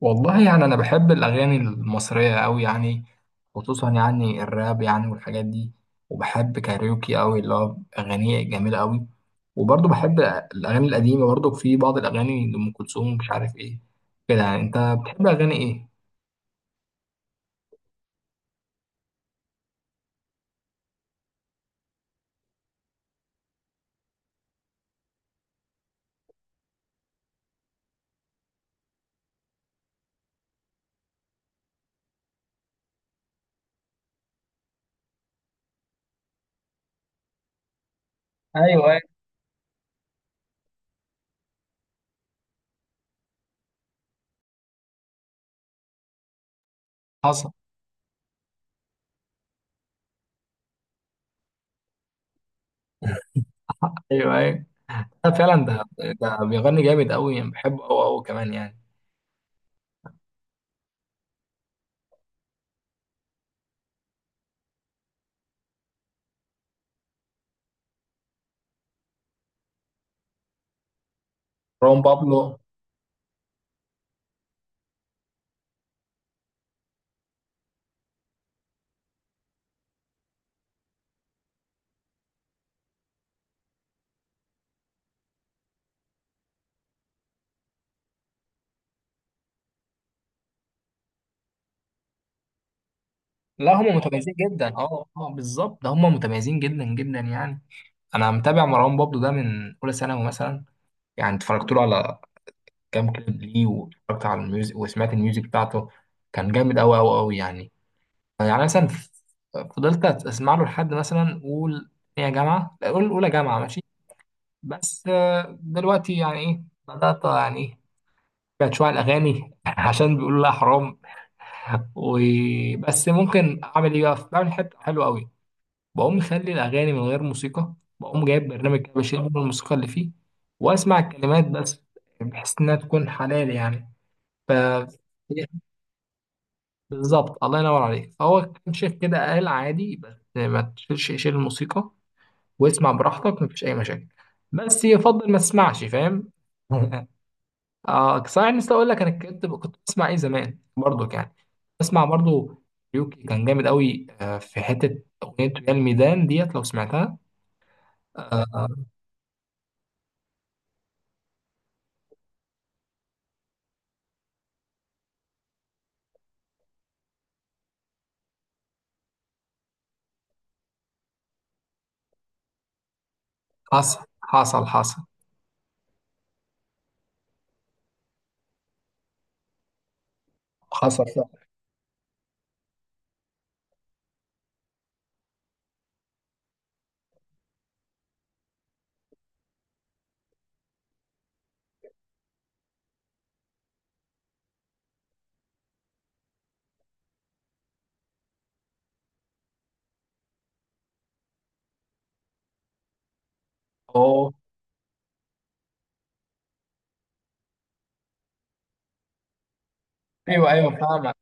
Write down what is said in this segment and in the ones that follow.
والله يعني أنا بحب الأغاني المصرية أوي يعني، خصوصا يعني الراب يعني والحاجات دي. وبحب كاريوكي أوي، اللي هو أغانيه جميلة أوي. وبرضه بحب الأغاني القديمة، برضه في بعض الأغاني لأم كلثوم، مش عارف إيه كده. يعني أنت بتحب أغاني إيه؟ ايوه، أيوة. حصل. أيوه أيوه. لا، فعلا ده بيغني جامد أوي يعني، بحبه أوي أوي كمان يعني. مروان بابلو. لا هم متميزين جدا، أه أه بالظبط، ده هم متميزين جدا جدا يعني. أنا متابع مروان بابلو ده من أولى ثانوي مثلا، يعني اتفرجت له على كام كليب ليه، واتفرجت على الميوزك وسمعت الميوزك بتاعته. كان جامد أوي أوي أوي يعني. يعني مثلا فضلت أسمع له لحد مثلا قول تانية جامعة، قول أولى جامعة، ماشي. بس دلوقتي يعني إيه، بدأت يعني إيه، بقت شوية على الأغاني، عشان بيقولوا لا حرام. وبس ممكن أعمل إيه بقى، بعمل حتة حلوة أوي، بقوم مخلي الأغاني من غير موسيقى، بقوم جايب برنامج كده بشيل منه الموسيقى اللي فيه، وأسمع الكلمات بس، بحيث إنها تكون حلال يعني. ف بالظبط الله ينور عليك. فهو كان شيخ كده قال عادي، بس ما تشيلش، شيل الموسيقى واسمع براحتك، مفيش أي مشاكل، بس يفضل ما تسمعش، فاهم. اه صحيح، نسيت اقول لك انا كنت بسمع ايه زمان برضو يعني، بسمع برضو يوكي. كان جامد قوي، في حته اغنيه يا الميدان ديت لو سمعتها. آه، حصل حصل حصل. حصل صح. اه. ايوه ايوه، فاهمك.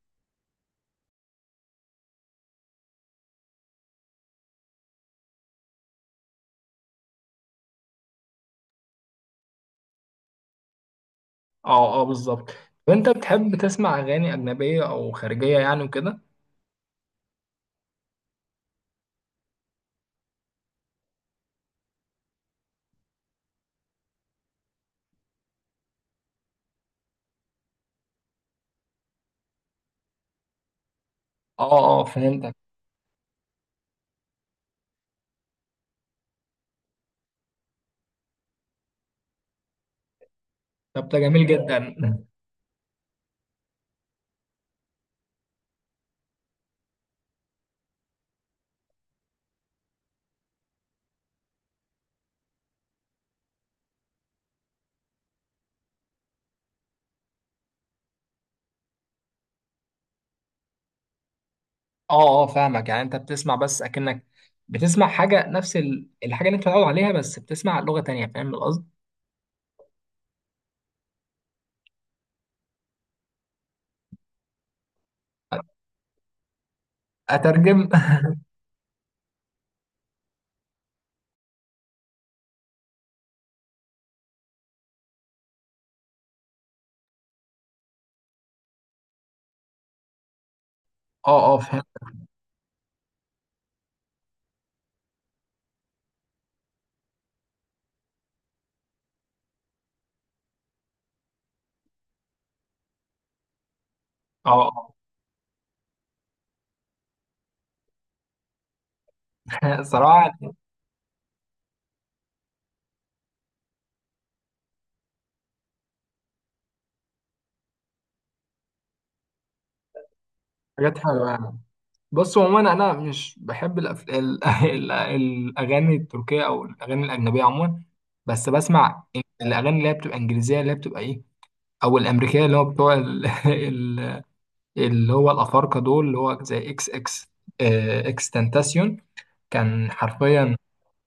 اه اه بالظبط. طب انت بتحب تسمع اغاني اجنبيه او خارجيه يعني وكده؟ اه اه فهمتك. طب ده جميل جدا. اه اه فاهمك، يعني انت بتسمع بس اكنك بتسمع حاجه نفس الحاجه اللي انت متعود عليها، بس بتسمع لغه تانية، فاهم القصد. اترجم. اه اه فهمت. اه اه. صراحه. حاجات حلوه يعني. بص عموما انا مش بحب الاغاني التركيه او الاغاني الاجنبيه عموما. بس بسمع الاغاني اللي هي بتبقى انجليزيه، اللي هي بتبقى ايه، او الامريكيه، اللي هو بتوع اللي هو الافارقه دول، اللي هو زي اكس تنتاسيون. كان حرفيا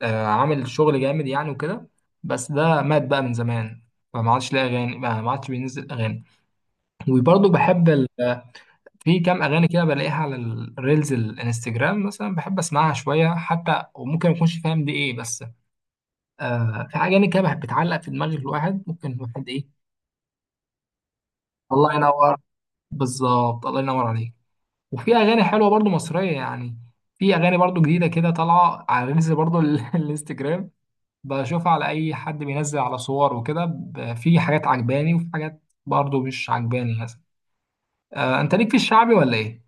عامل شغل جامد يعني وكده، بس ده مات بقى من زمان. فما عادش لاقي اغاني، ما عادش بينزل اغاني. وبرضه بحب في كام اغاني كده بلاقيها على الريلز الانستجرام مثلا، بحب اسمعها شويه حتى، وممكن ما اكونش فاهم دي ايه. بس آه، في اغاني كده بحب بتعلق في دماغ الواحد، ممكن الواحد ايه. الله ينور. بالظبط الله ينور عليك. وفي اغاني حلوه برضو مصريه يعني، في اغاني برضو جديده كده طالعه على الريلز برضو الانستجرام، بشوفها على اي حد بينزل على صور وكده، في حاجات عجباني وفي حاجات برضو مش عجباني مثلا. انت ليك في الشعبي ولا ايه؟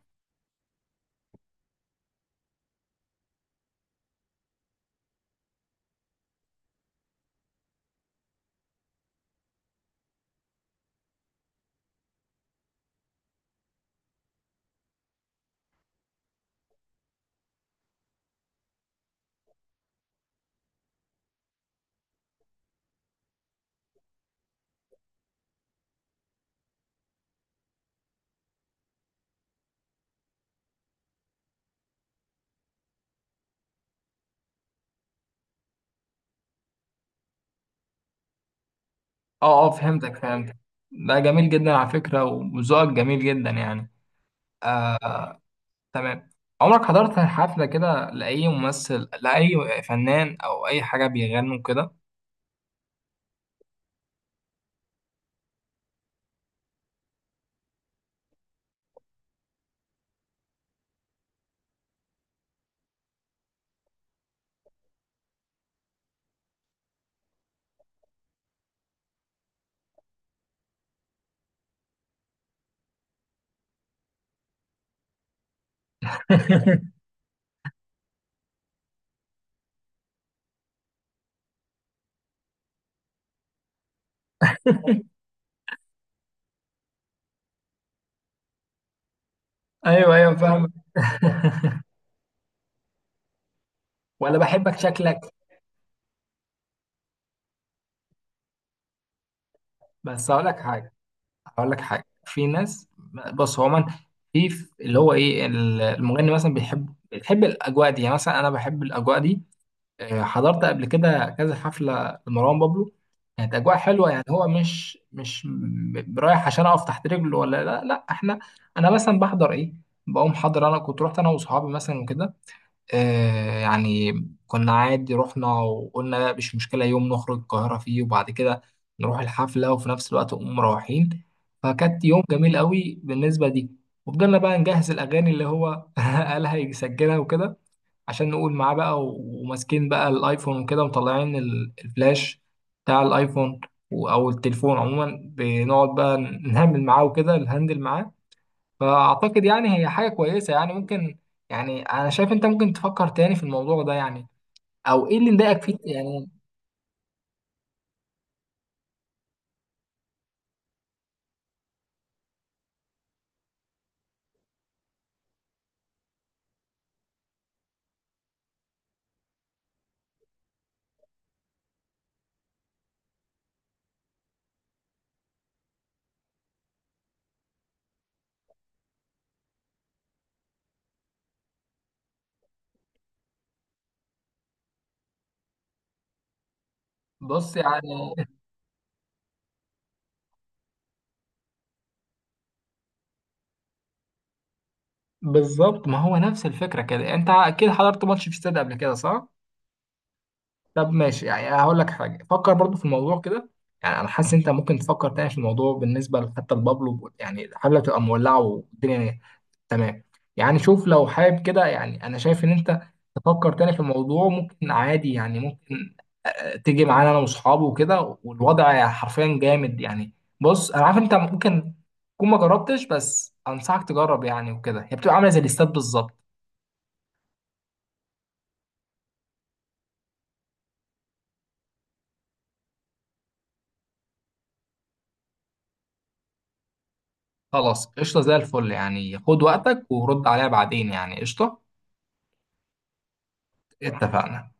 اه اه فهمتك فهمتك. ده جميل جدا على فكرة، وذوقك جميل جدا يعني. آه. تمام. عمرك حضرت حفلة كده لأي ممثل، لأي فنان، أو أي حاجة بيغنوا كده؟ أيوه أيوه فاهم. ولا بحبك شكلك. بس هقول لك حاجة. هقول لك حاجة، في ناس. بص، هو من اللي هو إيه، المغني مثلا بيحب بيحب الأجواء دي يعني. مثلا أنا بحب الأجواء دي، حضرت قبل كده كذا حفلة لمروان بابلو، كانت أجواء حلوة يعني. هو مش رايح عشان أقف تحت رجله، ولا لا لا. إحنا، أنا مثلا بحضر إيه، بقوم حاضر. أنا كنت رحت أنا وصحابي مثلا وكده، آه يعني كنا عادي، رحنا وقلنا لا مش مشكلة، يوم نخرج القاهرة فيه، وبعد كده نروح الحفلة، وفي نفس الوقت نقوم مروحين. فكانت يوم جميل قوي بالنسبة دي. وفضلنا بقى نجهز الأغاني اللي هو قال هيسجلها وكده، عشان نقول معاه بقى، وماسكين بقى الايفون وكده، ومطلعين الفلاش بتاع الايفون، او التليفون عموما، بنقعد بقى نهمل معاه وكده، نهندل معاه. فاعتقد يعني هي حاجه كويسه يعني ممكن، يعني انا شايف انت ممكن تفكر تاني في الموضوع ده يعني، او ايه اللي مضايقك فيه يعني. بص يعني. بالظبط، ما هو نفس الفكره كده. انت اكيد حضرت ماتش في استاد قبل كده صح؟ طب ماشي يعني، هقول لك حاجه، فكر برضو في الموضوع كده، يعني انا حاسس انت ممكن تفكر تاني في الموضوع بالنسبه حتى لبابلو، يعني الحفله تبقى مولعه والدنيا تمام. يعني شوف لو حابب كده، يعني انا شايف ان انت تفكر تاني في الموضوع ممكن عادي يعني، ممكن تيجي معانا انا واصحابي وكده، والوضع حرفيا جامد يعني. بص انا عارف انت ممكن تكون ما جربتش، بس انصحك تجرب يعني وكده، هي بتبقى عامله زي الاستاد بالظبط. خلاص قشطه زي الفل يعني، خد وقتك ورد عليها بعدين يعني، قشطه. اتفقنا.